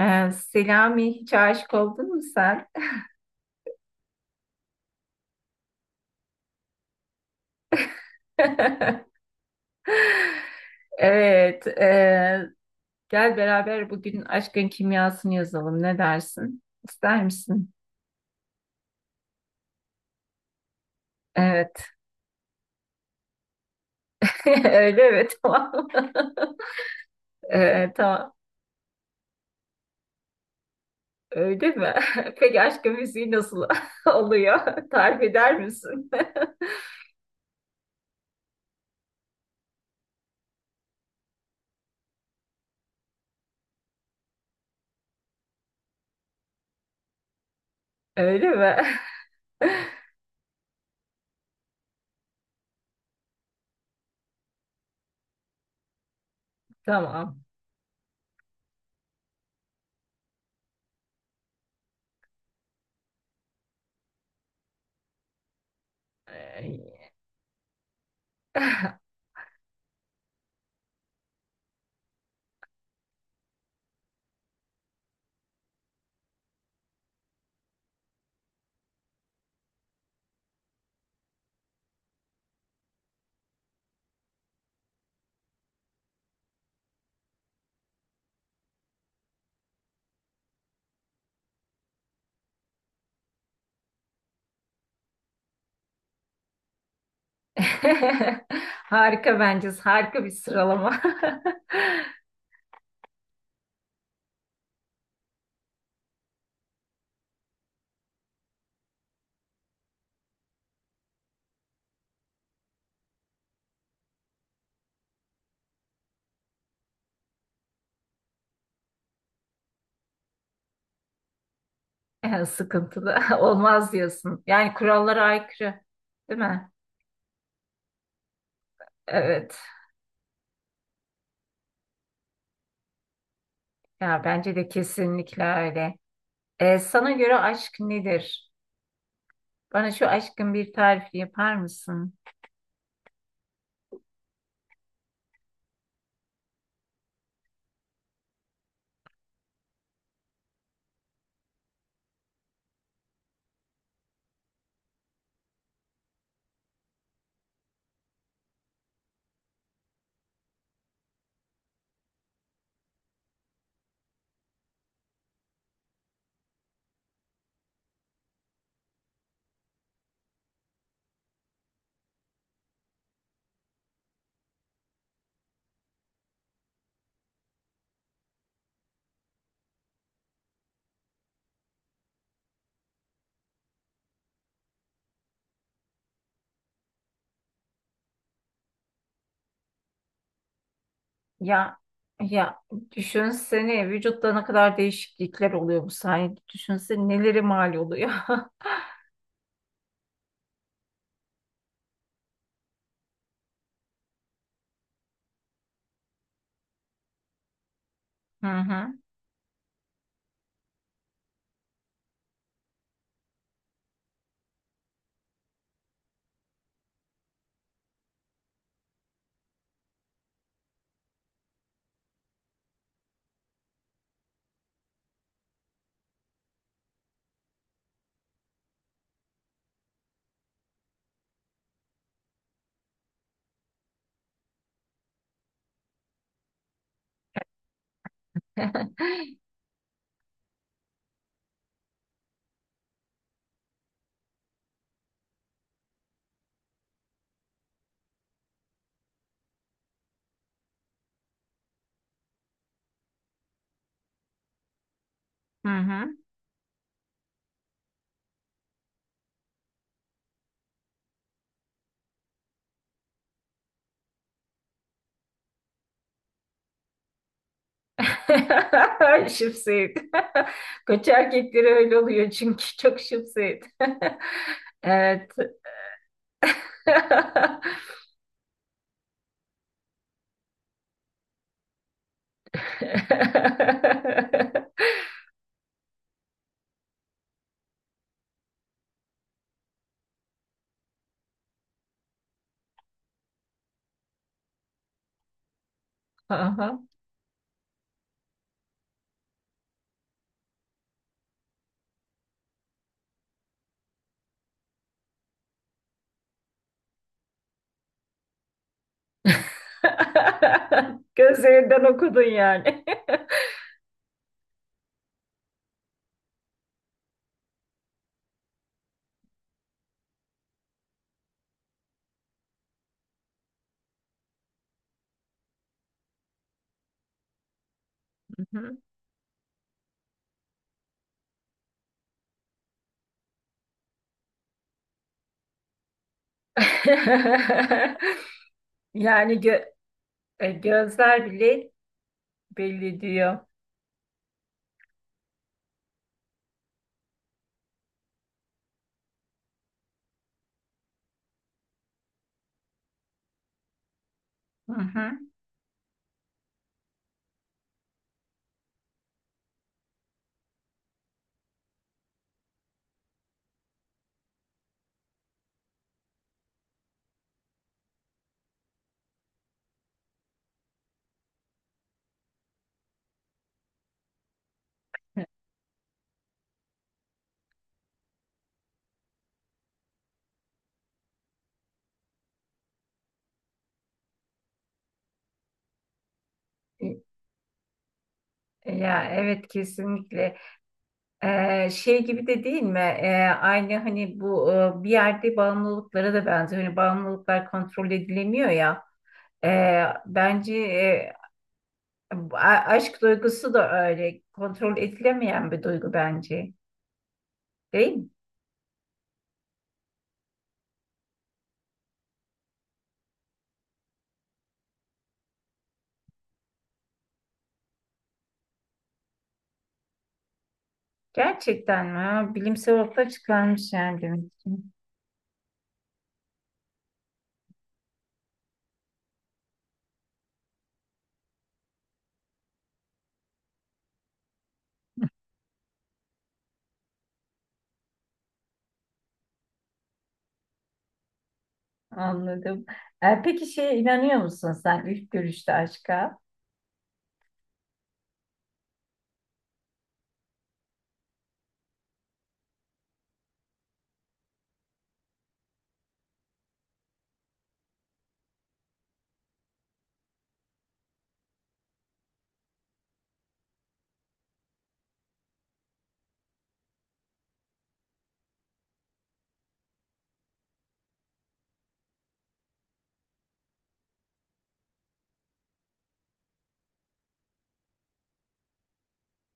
Selami, hiç aşık oldun mu sen? Evet. Gel beraber bugün aşkın kimyasını yazalım. Ne dersin? İster misin? Evet. Öyle mi? Tamam. Tamam. Öyle mi? Peki aşkın müziği nasıl oluyor? Tarif eder misin? Öyle mi? Tamam. Ee, Harika bence. Harika bir sıralama. Yani sıkıntılı olmaz diyorsun. Yani kurallara aykırı, değil mi? Evet. Ya bence de kesinlikle öyle. Sana göre aşk nedir? Bana şu aşkın bir tarifi yapar mısın? Ya ya, düşünsene vücutta ne kadar değişiklikler oluyor bu sayede. Düşünsene neleri mal oluyor. Hı hı. Hı hı. Şıpsıyet. Koç erkekleri öyle oluyor çünkü çok şıpsıyet. Evet. Aha. Gözlerinden okudun yani. Mhm. Yani gözler bile belli diyor. Hı. Ya evet kesinlikle. Şey gibi de değil mi? Aynı hani bu bir yerde bağımlılıklara da benziyor. Hani bağımlılıklar kontrol edilemiyor ya. Bence Bu a- aşk duygusu da öyle kontrol edilemeyen bir duygu bence. Değil mi? Gerçekten mi? Ha, bilimsel ortaya çıkarmış yani demek ki. Anladım. E, peki şeye inanıyor musun sen ilk görüşte aşka?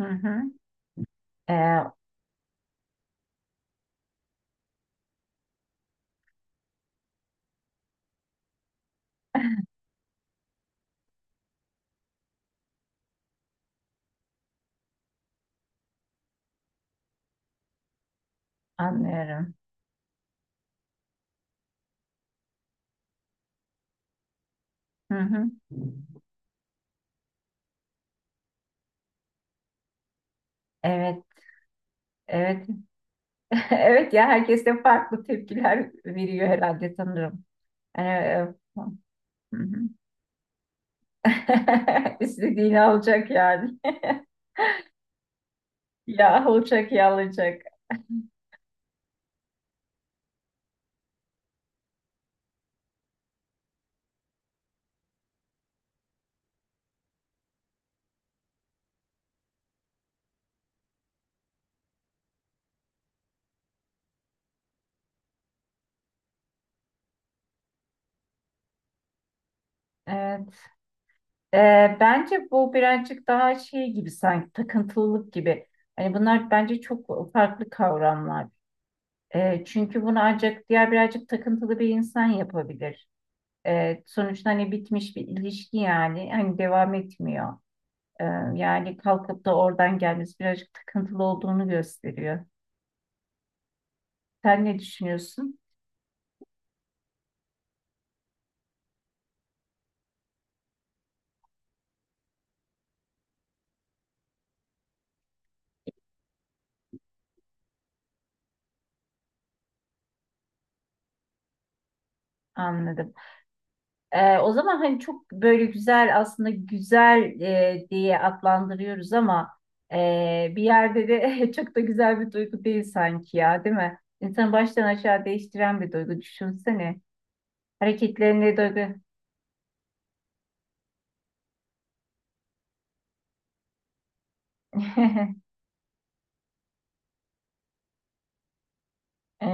Hı hı. E, anlıyorum. Hı hı. Evet, evet. Evet ya herkes de farklı tepkiler veriyor herhalde sanırım. E, e, hı hı. İstediğini alacak yani. Ya olacak ya alacak. Evet. Bence bu birazcık daha şey gibi sanki takıntılılık gibi. Hani bunlar bence çok farklı kavramlar. Çünkü bunu ancak diğer birazcık takıntılı bir insan yapabilir. Sonuçta hani bitmiş bir ilişki yani hani devam etmiyor. Ee, Yani kalkıp da oradan gelmesi birazcık takıntılı olduğunu gösteriyor. Sen ne düşünüyorsun? Anladım. O zaman hani çok böyle güzel aslında güzel diye adlandırıyoruz ama bir yerde de çok da güzel bir duygu değil sanki ya, değil mi? İnsanı baştan aşağı değiştiren bir duygu. Düşünsene. Hareketlerinde duygu. E,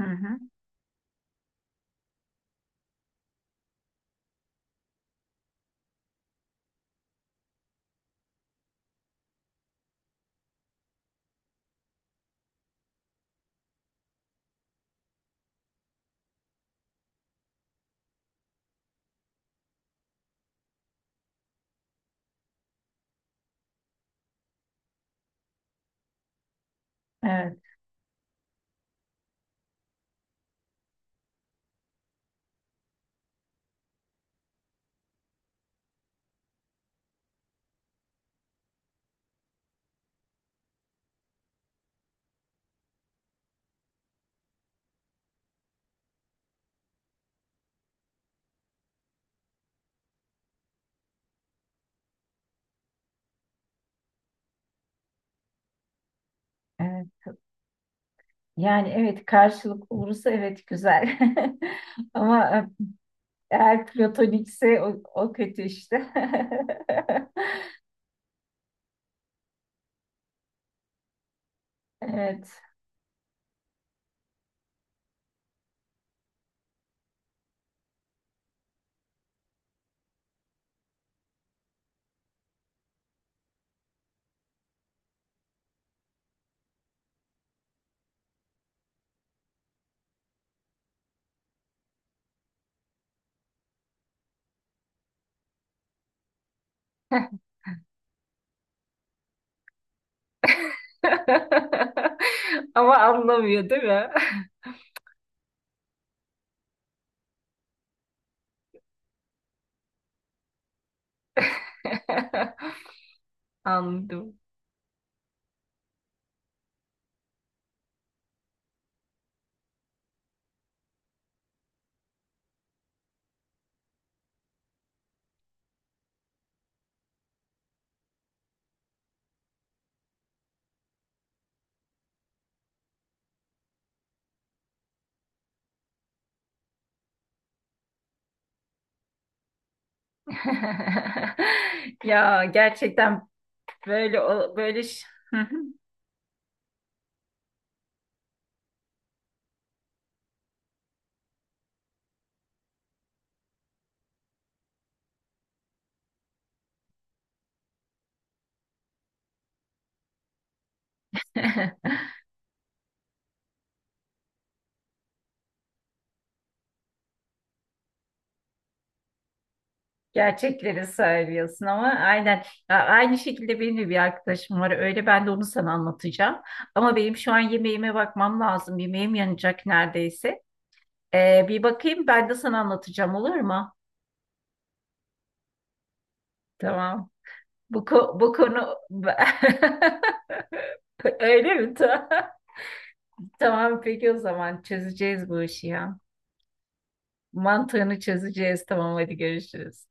hı hı. Evet, evet. Yani evet karşılık olursa evet güzel. Ama eğer platonikse o kötü işte. Evet. Ama anlamıyor değil mi? Anladım. Ya gerçekten böyle o- böyle ş- gerçekleri söylüyorsun ama aynen. Ya aynı şekilde benim de bir arkadaşım var öyle, ben de onu sana anlatacağım, ama benim şu an yemeğime bakmam lazım, yemeğim yanacak neredeyse. Bir bakayım, ben de sana anlatacağım, olur mu? Tamam, bu konu öyle mi? Tamam. Tamam peki o zaman çözeceğiz bu işi ya. Mantığını çözeceğiz. Tamam hadi görüşürüz.